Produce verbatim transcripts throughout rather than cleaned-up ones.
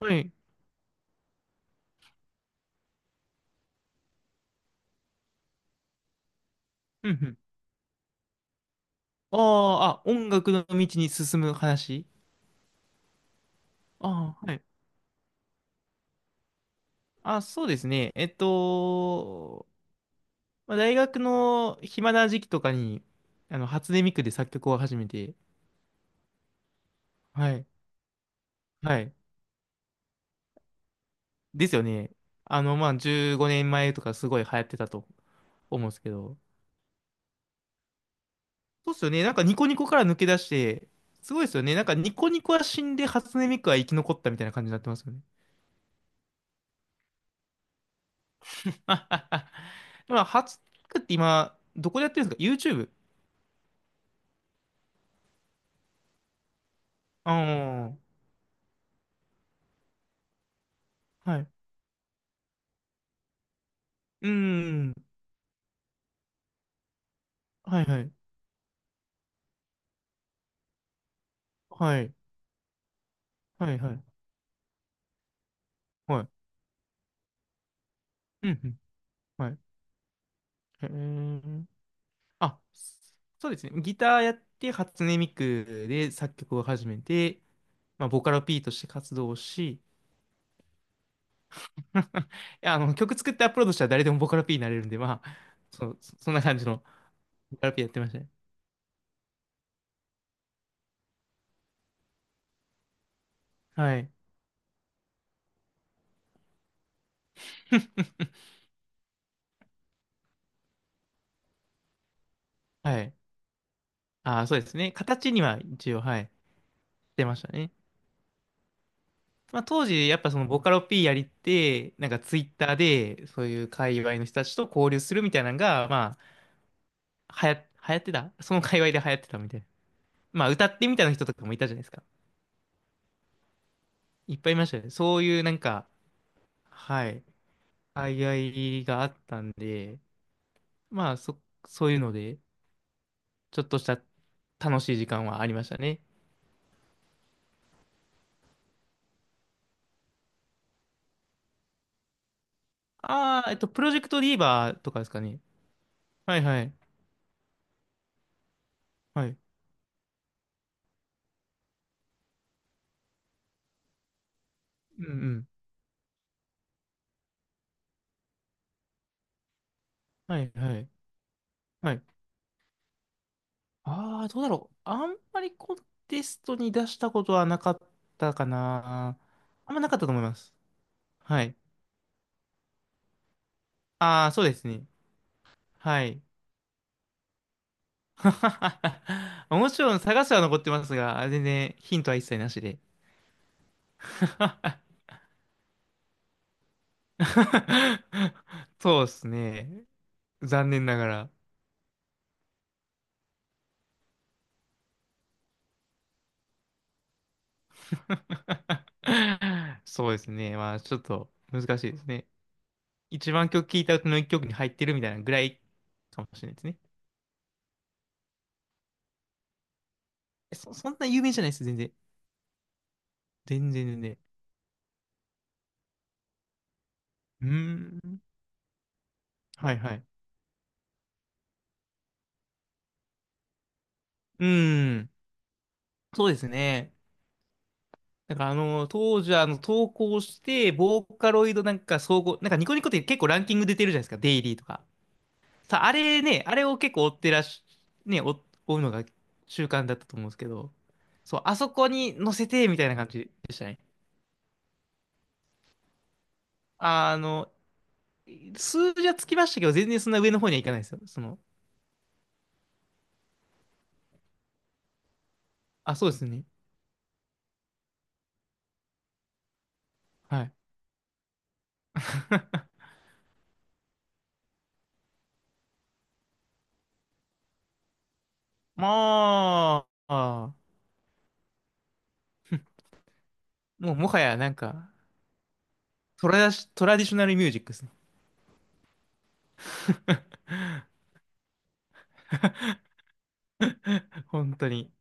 はい。うんうん。あああ、音楽の道に進む話。ああ、はい。あ、そうですね。えっと、まあ、大学の暇な時期とかに、あの、初音ミクで作曲を始めて。はい。はい。ですよね。あの、まあ、じゅうごねんまえとかすごい流行ってたと思うんですけど。そうっすよね。なんかニコニコから抜け出して、すごいですよね。なんかニコニコは死んで初音ミクは生き残ったみたいな感じになってますよね。まあ、初音ミクって今、どこでやってるんですか？ YouTube？ ああ、はい。うん。はいはい。はい。はいはい。はい。うんうん。はい。へえ。あ、そうですね。ギターやって、初音ミクで作曲を始めて、まあ、ボカロ P として活動をし、いや、あの、曲作ってアップロードしたら誰でもボカロ P になれるんで、まあ、そう、そそんな感じのボカロ P やってましたね。はい。はい。ああ、そうですね。形には一応、はい、出ましたね。まあ、当時、やっぱそのボカロ P やりって、なんかツイッターで、そういう界隈の人たちと交流するみたいなのが、まあ、はや、流行ってた、その界隈で流行ってたみたいな。まあ、歌ってみたいな人とかもいたじゃないですか。いっぱいいましたよね。そういうなんか、はい、界隈があったんで、まあ、そ、そういうので、ちょっとした楽しい時間はありましたね。ああ、えっと、プロジェクトリーバーとかですかね。はいはい。はい。うんうん。はいはい。はい。ああ、どうだろう。あんまりコンテストに出したことはなかったかな。あんまなかったと思います。はい。ああ、そうですね。はい。もちろん探すは残ってますが、全然ヒントは一切なしで。そうですね。残念ながら。そうですね。まあ、ちょっと難しいですね。一番曲聴いた歌の一曲に入ってるみたいなぐらいかもしれないですね。えそ、そんな有名じゃないです、全然。全然全然。うーん。はいはい。うーん。そうですね。なんかあの、当時はあの、投稿して、ボーカロイドなんか総合、なんかニコニコって結構ランキング出てるじゃないですか、デイリーとか。さ、あれね、あれを結構追ってらし、ね、追追うのが習慣だったと思うんですけど、そう、あそこに載せて、みたいな感じでしたね。あの、数字はつきましたけど、全然そんな上の方にはいかないですよ。その、あ、そうですね。はい。まあ、あー、もうもはやなんか、トラシ、トラディショナルミュージックですね。本当に。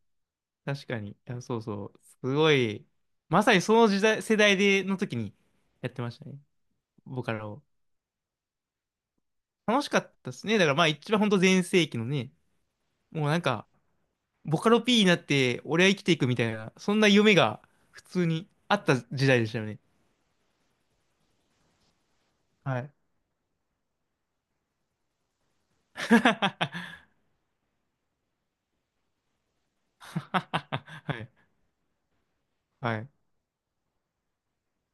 確かに。いや、そうそう。すごい。まさにその時代、世代で、の時にやってましたね。ボカロを。楽しかったですね。だからまあ一番本当全盛期のね、もうなんか、ボカロ P になって俺は生きていくみたいな、そんな夢が普通にあった時代でしたよね。はい。はい。はい。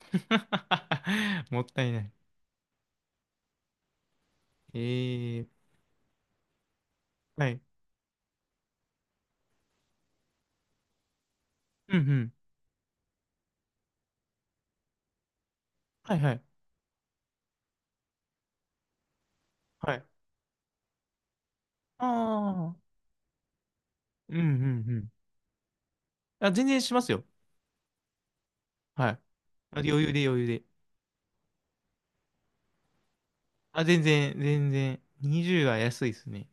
もったいない。えー、はい。うんうん。はいはい。はい。ああ。うんうんうん。あ、全然しますよ。はい。あ、余裕で余裕で。あ、全然、全然。にじゅうは安いですね。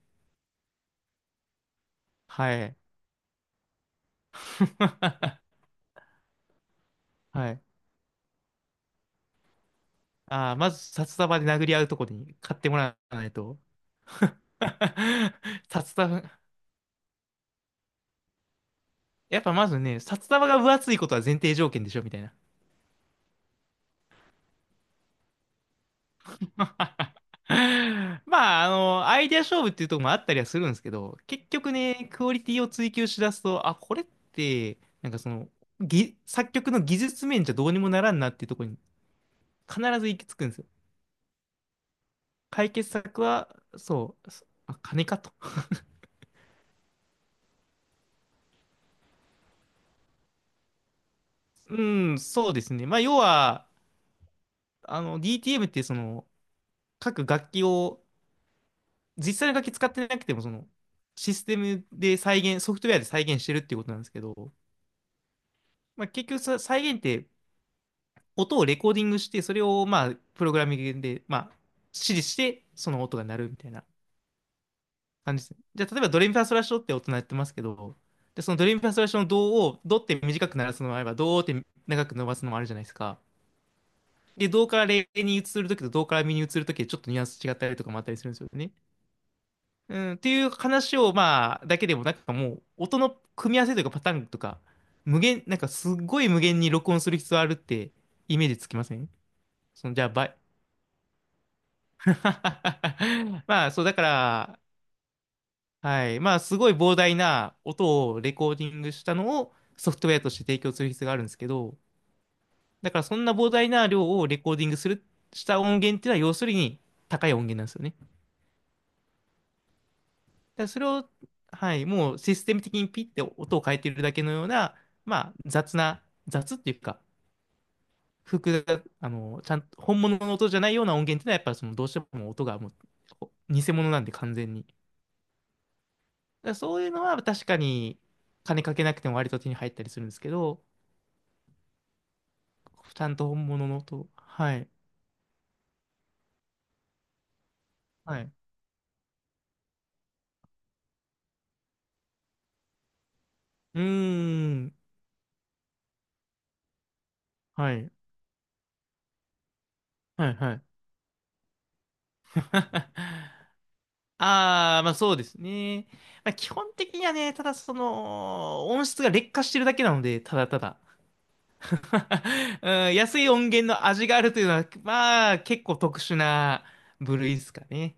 はい。はい。あー、まず札束で殴り合うとこに買ってもらわないと。札束、やっぱまずね、札束が分厚いことは前提条件でしょ、みたいな。まあ、あの、アイデア勝負っていうところもあったりはするんですけど、結局ね、クオリティを追求しだすと、あ、これって、なんかその、ぎ、作曲の技術面じゃどうにもならんなっていうところに必ず行き着くんですよ。解決策は、そう、そあ、金かと。うん、そうですね。まあ、要は、あの、ディーティーエム ってその、各楽器を、実際の楽器使ってなくても、その、システムで再現、ソフトウェアで再現してるっていうことなんですけど、まあ、結局さ、再現って音をレコーディングして、それをまあ、プログラミングで、まあ、指示して、その音が鳴るみたいな感じですね。じゃあ、例えばドレミファソラシドって音鳴ってますけど、で、そのドレミファソラシドのドを、ドって短く鳴らすのもあれば、ドーって長く伸ばすのもあるじゃないですか。で、ドからレに移るときとドからミに移るときでちょっとニュアンス違ったりとかもあったりするんですよね。うん、っていう話を、まあ、だけでも、なんかもう、音の組み合わせというかパターンとか、無限、なんかすっごい無限に録音する必要あるってイメージつきません？その、じゃあ、バイ、まあ、そう、だから、はい。まあ、すごい膨大な音をレコーディングしたのをソフトウェアとして提供する必要があるんですけど、だからそんな膨大な量をレコーディングする、した音源っていうのは要するに高い音源なんですよね。だからそれを、はい、もうシステム的にピッて音を変えてるだけのような、まあ、雑な、雑っていうか、複雑、あの、ちゃんと本物の音じゃないような音源っていうのはやっぱりそのどうしても音がもう偽物なんで完全に。らそういうのは確かに金かけなくても割と手に入ったりするんですけど、ちゃんと本物のと、はい、はい。うーん、はい、はい、はい。ああ、まあそうですね。まあ、基本的にはね、ただその、音質が劣化してるだけなので、ただただ。うん、安い音源の味があるというのは、まあ結構特殊な部類ですかね。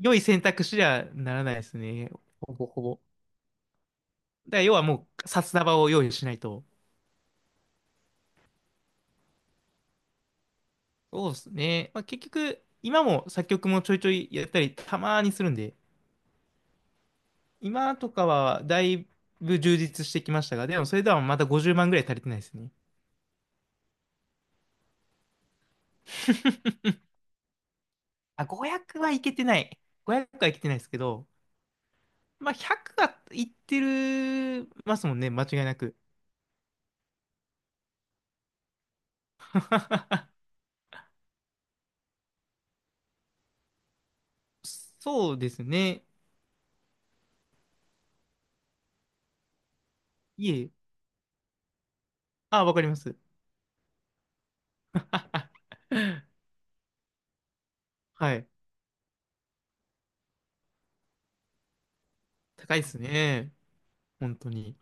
良い選択肢にはならないですね。ほぼほぼ。だから要はもう、札束を用意しないと。そうですね。まあ、結局、今も作曲もちょいちょいやったり、たまにするんで、今とかはだいぶ充実してきましたが、でもそれではまたごじゅうまんぐらい足りてないですね。あ、ごひゃくはいけてない。ごひゃくはいけてないですけど、まあ、ひゃくはいってるますもんね、間違いなく。そうですね。いえ。あ、わかります。はい。高いですね。本当に。